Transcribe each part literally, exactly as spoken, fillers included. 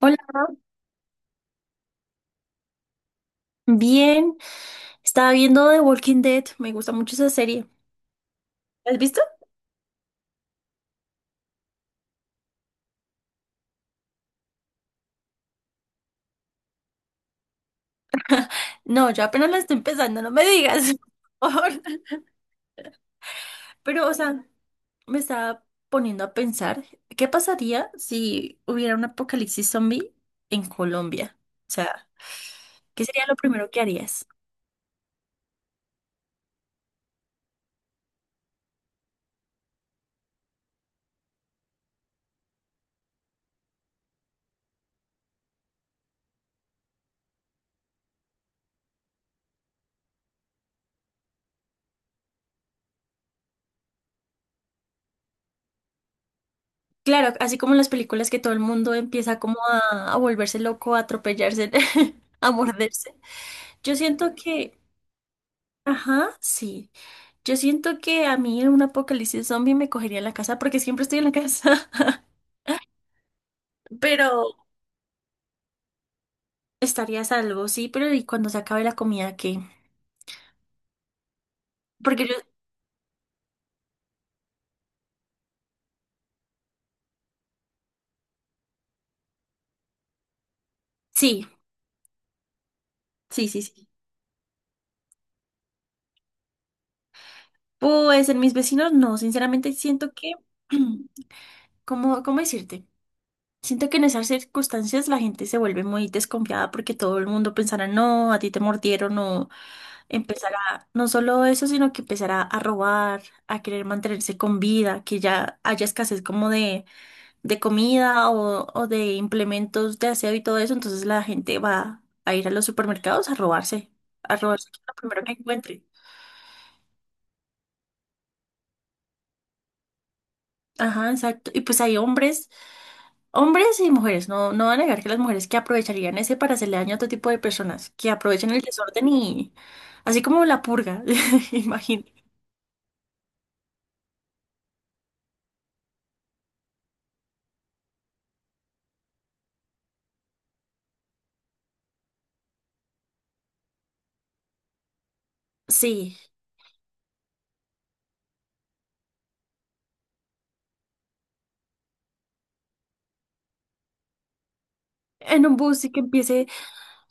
Hola, bien. Estaba viendo The Walking Dead. Me gusta mucho esa serie. ¿La has visto? No, yo apenas la estoy empezando, no me digas. por favor. Pero, o sea, me estaba poniendo a pensar, ¿qué pasaría si hubiera un apocalipsis zombie en Colombia? O sea, ¿qué sería lo primero que harías? Claro, así como en las películas que todo el mundo empieza como a, a volverse loco, a atropellarse, a morderse. Yo siento que, ajá, sí. Yo siento que a mí en un apocalipsis zombie me cogería en la casa porque siempre estoy en la casa, pero estaría a salvo, sí, pero ¿y cuando se acabe la comida qué? Porque yo, sí, sí, sí, sí. Pues en mis vecinos no, sinceramente siento que, ¿cómo, cómo decirte? Siento que en esas circunstancias la gente se vuelve muy desconfiada porque todo el mundo pensará, no, a ti te mordieron o empezará, no solo eso, sino que empezará a robar, a querer mantenerse con vida, que ya haya escasez como de de comida o, o de implementos de aseo y todo eso, entonces la gente va a ir a los supermercados a robarse, a robarse lo primero que encuentre. Ajá, exacto. Y pues hay hombres, hombres y mujeres, no, no voy a negar que las mujeres que aprovecharían ese para hacerle daño a otro tipo de personas, que aprovechan el desorden y así como la purga, imagino. Sí, en un bus y que empiece,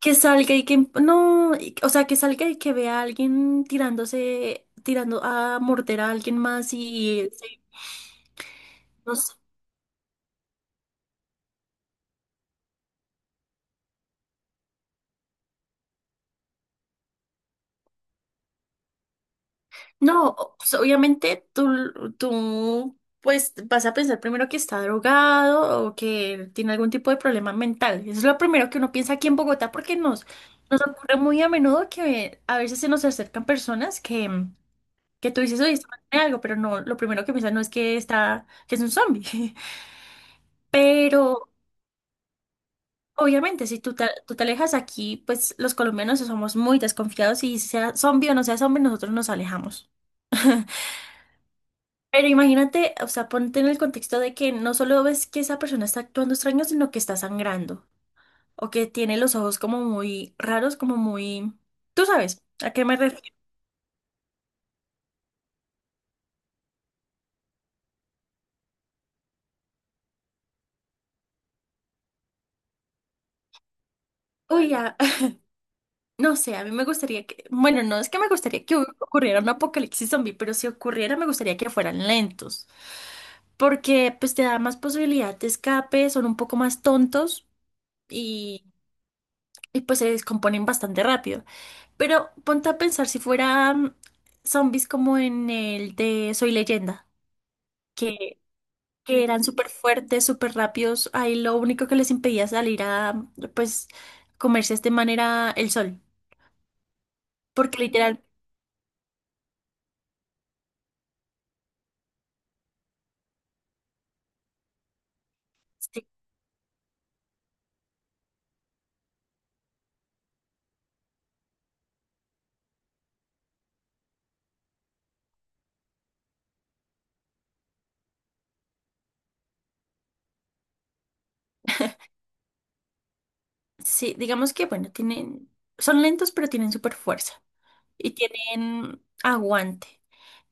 que salga y que, em- no, y- o sea, que salga y que vea a alguien tirándose, tirando a morder a alguien más y, no sé. No, pues obviamente tú, tú, pues vas a pensar primero que está drogado o que tiene algún tipo de problema mental. Eso es lo primero que uno piensa aquí en Bogotá porque nos, nos ocurre muy a menudo que a veces se nos acercan personas que, que tú dices, oye, este man tiene algo, pero no, lo primero que piensas no es que está, que es un zombie. Pero obviamente si tú te, tú te alejas aquí, pues los colombianos somos muy desconfiados y sea zombie o no sea zombie, nosotros nos alejamos. Pero imagínate, o sea, ponte en el contexto de que no solo ves que esa persona está actuando extraño, sino que está sangrando o que tiene los ojos como muy raros, como muy... Tú sabes, ¿a qué me refiero? Uy, a- no sé, a mí me gustaría que... Bueno, no es que me gustaría que ocurriera un apocalipsis zombie, pero si ocurriera me gustaría que fueran lentos, porque pues te da más posibilidad de escape, son un poco más tontos y, y pues se descomponen bastante rápido. Pero ponte a pensar si fueran zombies como en el de Soy Leyenda, que, que eran súper fuertes, súper rápidos. Ahí lo único que les impedía salir a, pues, comerse de manera el sol. Porque literal, sí, sí, digamos que, bueno, tienen, son lentos, pero tienen súper fuerza, y tienen aguante.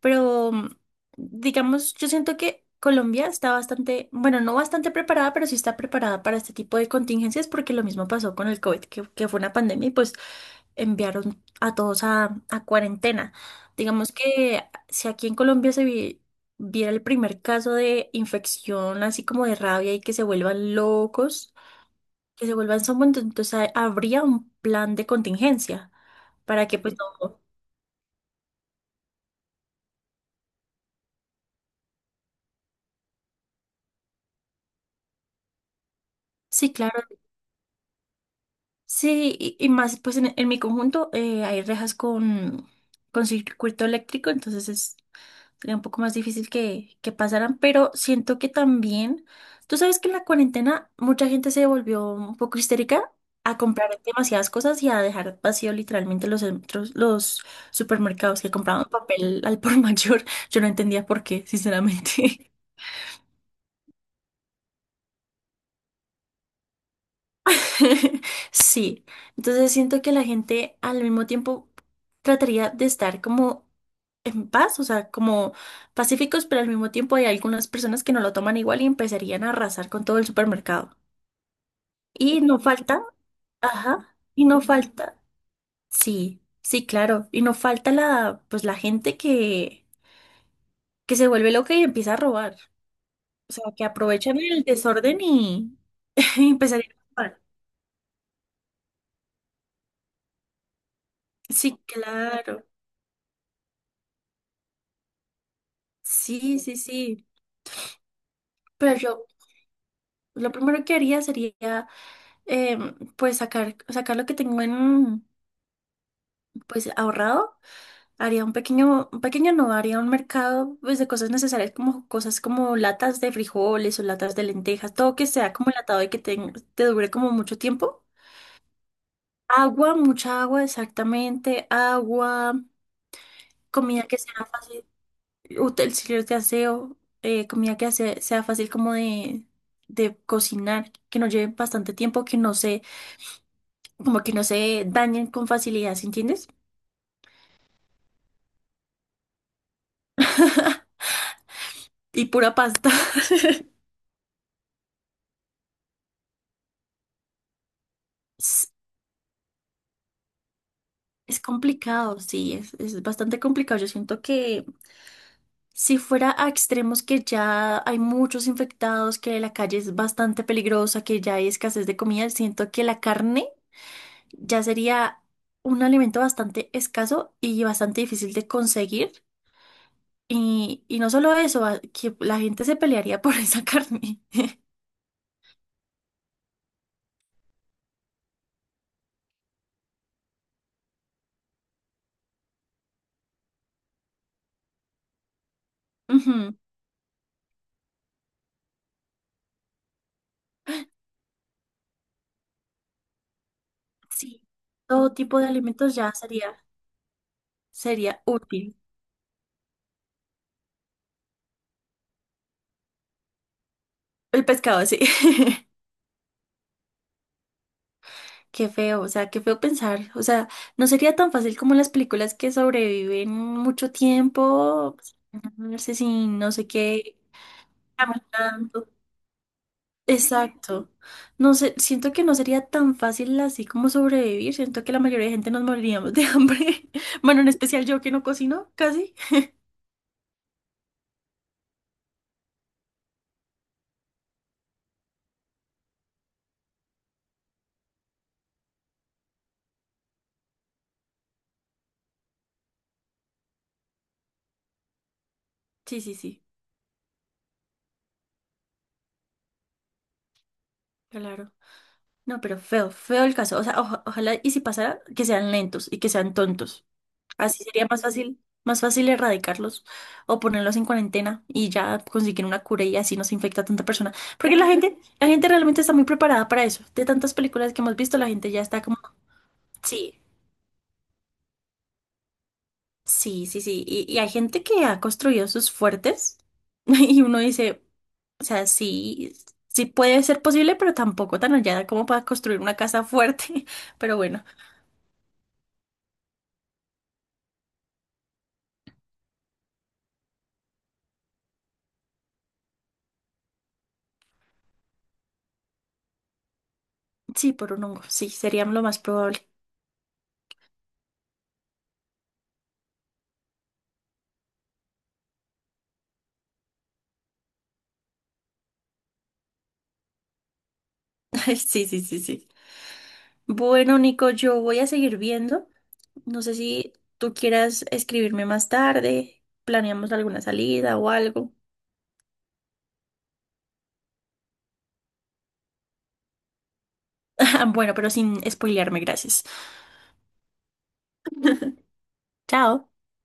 Pero, mm, digamos, yo siento que Colombia está bastante, bueno, no bastante preparada, pero sí está preparada para este tipo de contingencias porque lo mismo pasó con el COVID, que, que fue una pandemia y pues enviaron a todos a, a cuarentena. Digamos que si aquí en Colombia se vi- viera el primer caso de infección, así como de rabia y que se vuelvan locos, que se vuelvan zombies, entonces ha- habría un plan de contingencia para que pues no. Sí, claro. Sí, y, y más, pues en, en mi conjunto eh, hay rejas con, con circuito eléctrico, entonces es, sería un poco más difícil que, que pasaran, pero siento que también, tú sabes que en la cuarentena mucha gente se volvió un poco histérica a comprar demasiadas cosas y a dejar vacío literalmente los centros, los supermercados que compraban papel al por mayor. Yo no entendía por qué, sinceramente. Sí, entonces siento que la gente al mismo tiempo trataría de estar como en paz, o sea, como pacíficos, pero al mismo tiempo hay algunas personas que no lo toman igual y empezarían a arrasar con todo el supermercado. Y no falta, ajá, y no falta, sí, sí, claro, y no falta la, pues la gente que, que se vuelve loca y empieza a robar, o sea, que aprovechan el desorden y, y empezarían a robar. Sí, claro, sí, sí, sí, pero yo... Lo primero que haría sería, em, pues, sacar, sacar lo que tengo en, pues, ahorrado. Haría un pequeño, un pequeño no, haría un mercado, pues, de cosas necesarias, como cosas como latas de frijoles o latas de lentejas, todo que sea como enlatado y que te, te dure como mucho tiempo. Agua, mucha agua, exactamente. Agua, comida que sea fácil, utensilios de aseo, eh, comida que sea, sea fácil como de, de cocinar, que no lleve bastante tiempo, que no se como que no se dañen con facilidad, ¿sí entiendes? Y pura pasta. Es, es complicado, sí, es, es bastante complicado. Yo siento que si fuera a extremos que ya hay muchos infectados, que la calle es bastante peligrosa, que ya hay escasez de comida, siento que la carne ya sería un alimento bastante escaso y bastante difícil de conseguir. Y, y no solo eso, a- que la gente se pelearía por esa carne. Ujú, sí, todo tipo de alimentos ya sería. Sería útil. El pescado, sí. Qué feo, o sea, qué feo pensar. O sea, no sería tan fácil como las películas que sobreviven mucho tiempo, no sé si no sé qué, caminando. Exacto. No sé, siento que no sería tan fácil así como sobrevivir. Siento que la mayoría de gente nos moriríamos de hambre. Bueno, en especial yo que no cocino, casi. Sí, sí, sí, claro. No, pero feo, feo el caso. O sea, oja- ojalá y si pasara, que sean lentos y que sean tontos. Así sería más fácil, más fácil erradicarlos o ponerlos en cuarentena y ya conseguir una cura y así no se infecta a tanta persona. Porque la gente, la gente realmente está muy preparada para eso. De tantas películas que hemos visto, la gente ya está como, sí, sí, sí, sí. Y, y hay gente que ha construido sus fuertes y uno dice, o sea, sí, sí puede ser posible, pero tampoco tan allá como para construir una casa fuerte. Pero bueno, sí, por un hongo, sí, sería lo más probable. Sí, sí, sí, sí. Bueno, Nico, yo voy a seguir viendo. No sé si tú quieras escribirme más tarde, planeamos alguna salida o algo. Bueno, pero sin spoilearme, gracias. Chao.